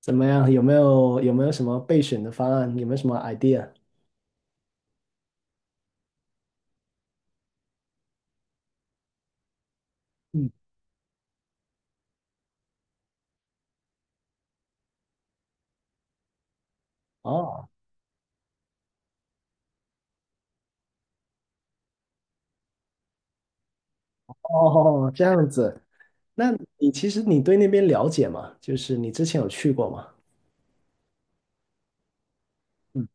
怎么样？有没有什么备选的方案？有没有什么 idea？嗯。哦哦，这样子。那其实你对那边了解吗？就是你之前有去过吗？嗯。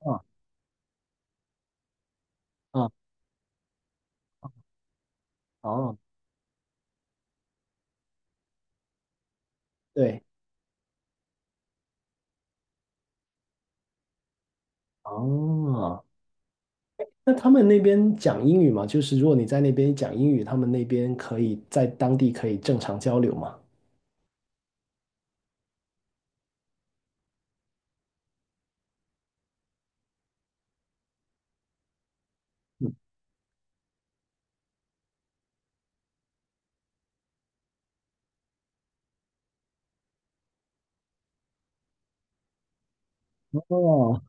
哦，哦，哦，对，哦，那他们那边讲英语吗？就是如果你在那边讲英语，他们那边在当地可以正常交流吗？嗯。哦。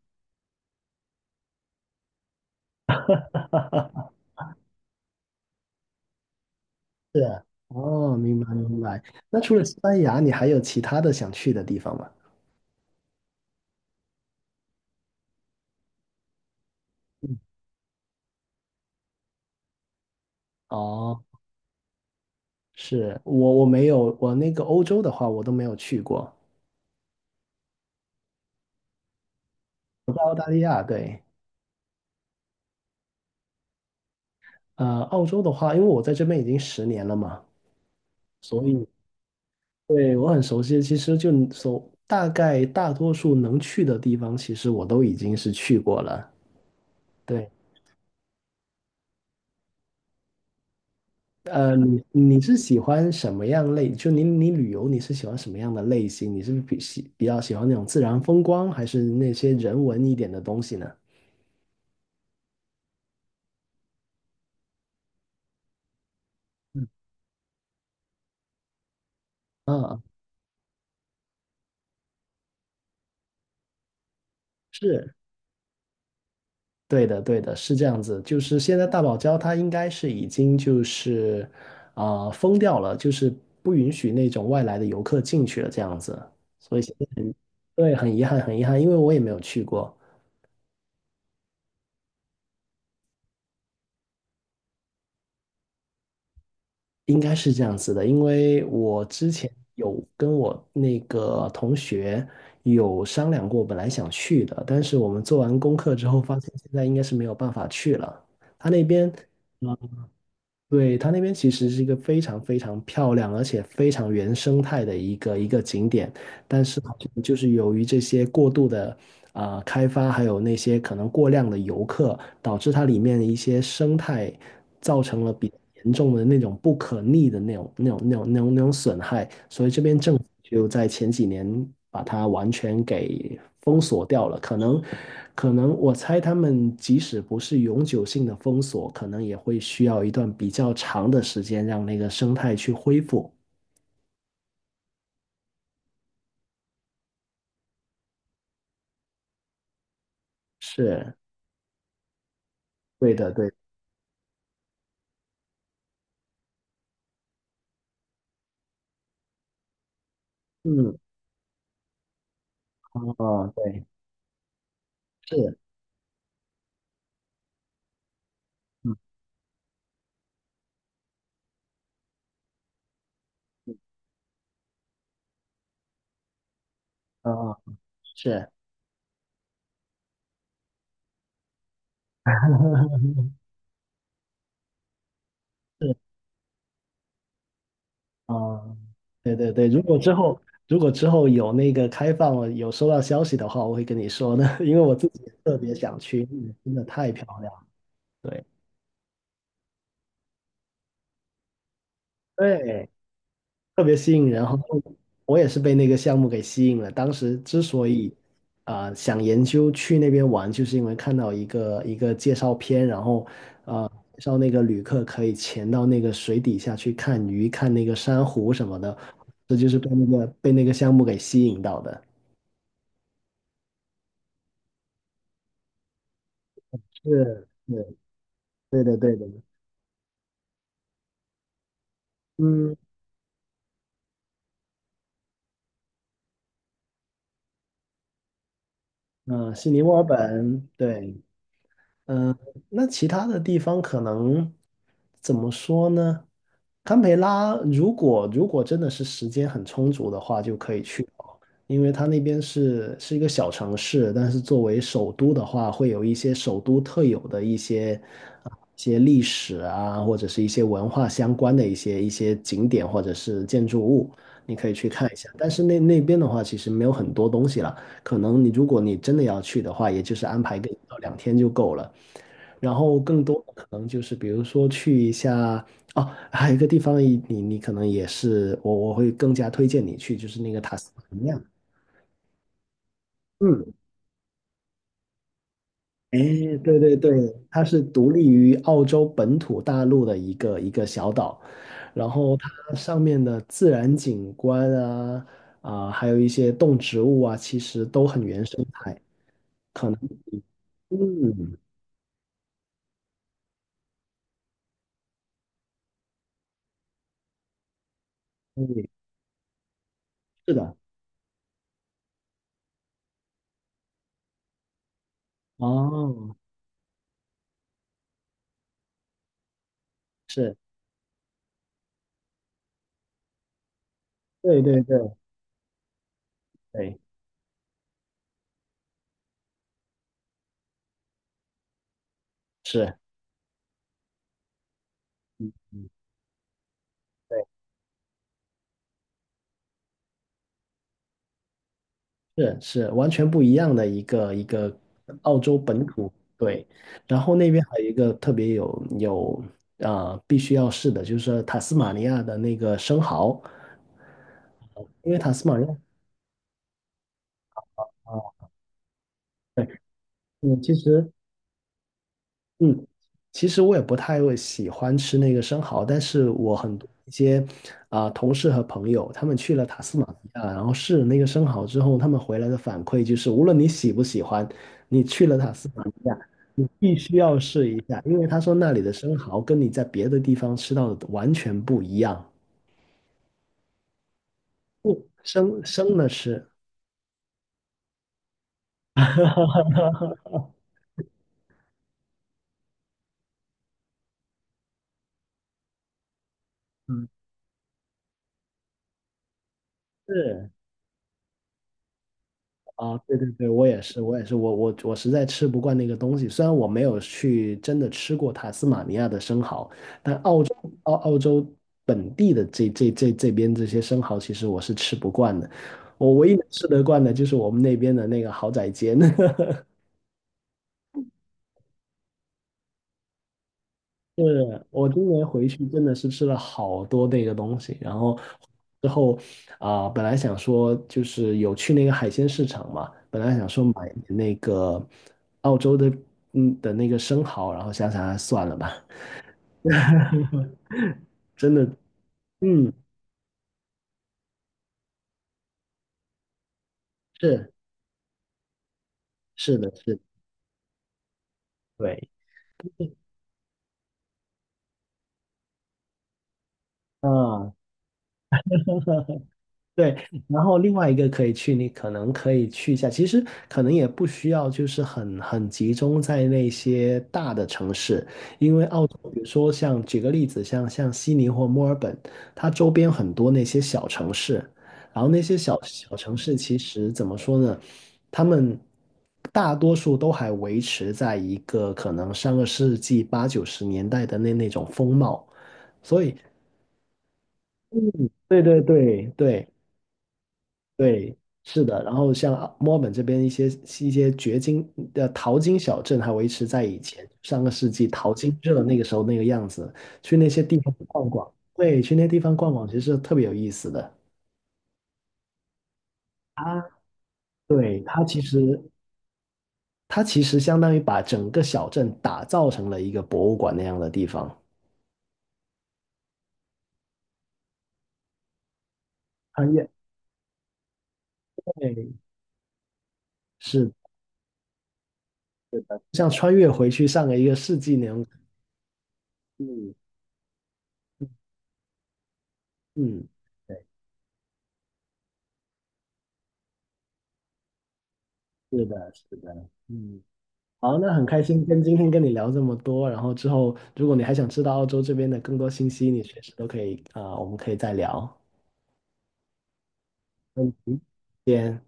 是啊，哦，明白明白。那除了西班牙，你还有其他的想去的地方吗？哦。是，我没有，我那个欧洲的话我都没有去过，澳大利亚。对，澳洲的话，因为我在这边已经十年了嘛，所以对我很熟悉。其实大概大多数能去的地方，其实我都已经是去过了。对，你是喜欢什么样类？就你旅游你是喜欢什么样的类型？你是比较喜欢那种自然风光，还是那些人文一点的东西呢？嗯，是，对的，对的，是这样子。就是现在大堡礁它应该是已经就是封掉了，就是不允许那种外来的游客进去了这样子。所以现在对，很遗憾，很遗憾，因为我也没有去过，应该是这样子的。因为我之前有跟我那个同学有商量过，本来想去的，但是我们做完功课之后发现现在应该是没有办法去了。他那边。呃对，它那边其实是一个非常非常漂亮，而且非常原生态的一个景点。但是好像就是由于这些过度的开发，还有那些可能过量的游客，导致它里面的一些生态造成了比较严重的那种不可逆的那种损害，所以这边政府就在前几年把它完全给封锁掉了。可能我猜他们即使不是永久性的封锁，可能也会需要一段比较长的时间让那个生态去恢复。是，对的，对的，嗯。哦，对，是，嗯，哦，是。 是，哦，对对对，如果之后有那个开放，我有收到消息的话，我会跟你说的。因为我自己也特别想去，真的太漂亮了。对，对。特别吸引人。然后我也是被那个项目给吸引了。当时之所以想研究去那边玩，就是因为看到一个介绍片，然后介绍那个旅客可以潜到那个水底下去看鱼、看那个珊瑚什么的，这就是被那个项目给吸引到的。是，是，对的，对的。嗯，嗯，悉尼、墨尔本，对，嗯。那其他的地方可能怎么说呢？堪培拉如果真的是时间很充足的话，就可以去哦，因为它那边是一个小城市，但是作为首都的话，会有一些首都特有的啊一些历史啊，或者是一些文化相关的一些景点或者是建筑物，你可以去看一下。但是那边的话，其实没有很多东西了，可能你如果真的要去的话，也就是安排个1到2天就够了。然后更多的可能就是比如说去一下。哦，还有一个地方你可能也是我会更加推荐你去，就是那个塔斯马尼亚。嗯，哎，对对对，它是独立于澳洲本土大陆的一个小岛，然后它上面的自然景观啊，还有一些动植物啊，其实都很原生态，可能比嗯，对，是的。哦，是，对对对对，是。嗯嗯，对，是完全不一样的一个澳洲本土，对。然后那边还有一个特别有必须要试的，就是塔斯马尼亚的那个生蚝，因为塔斯马尼亚啊。嗯，其实嗯，其实我也不太会喜欢吃那个生蚝，但是我很多一些同事和朋友，他们去了塔斯马尼亚，然后试了那个生蚝之后，他们回来的反馈就是，无论你喜不喜欢，你去了塔斯马尼亚。必须要试一下，因为他说那里的生蚝跟你在别的地方吃到的完全不一样。不，生生的吃。嗯，是啊，对对对，我也是，我也是，我实在吃不惯那个东西。虽然我没有去真的吃过塔斯马尼亚的生蚝，澳洲本地的这边这些生蚝，其实我是吃不惯的。我唯一能吃得惯的就是我们那边的那个蚝仔煎。是，我今年回去真的是吃了好多那个东西，然后之后本来想说就是有去那个海鲜市场嘛，本来想说买那个澳洲的那个生蚝，然后想想还算了吧，真的。嗯，是，是的，是的，对啊，对，然后另外一个可以去，你可能可以去一下，其实可能也不需要，就是很集中在那些大的城市，因为澳洲，比如说像举个例子，像悉尼或墨尔本，它周边很多那些小城市，然后那些小小城市其实怎么说呢，他们大多数都还维持在一个可能上个世纪80、90年代的那种风貌，所以。嗯，对对对对。对，是的。然后像墨尔本这边一些掘金的淘金小镇，还维持在以前上个世纪淘金热那个时候那个样子。去那些地方逛逛，对，去那些地方逛逛，其实特别有意思的。啊，对，它其实相当于把整个小镇打造成了一个博物馆那样的地方。穿越，对，是是的，像穿越回去上个一个世纪那种。嗯嗯，对，是的，是的，嗯。好，那很开心今天跟你聊这么多，然后之后如果你还想知道澳洲这边的更多信息，你随时都可以我们可以再聊。嗯，再见。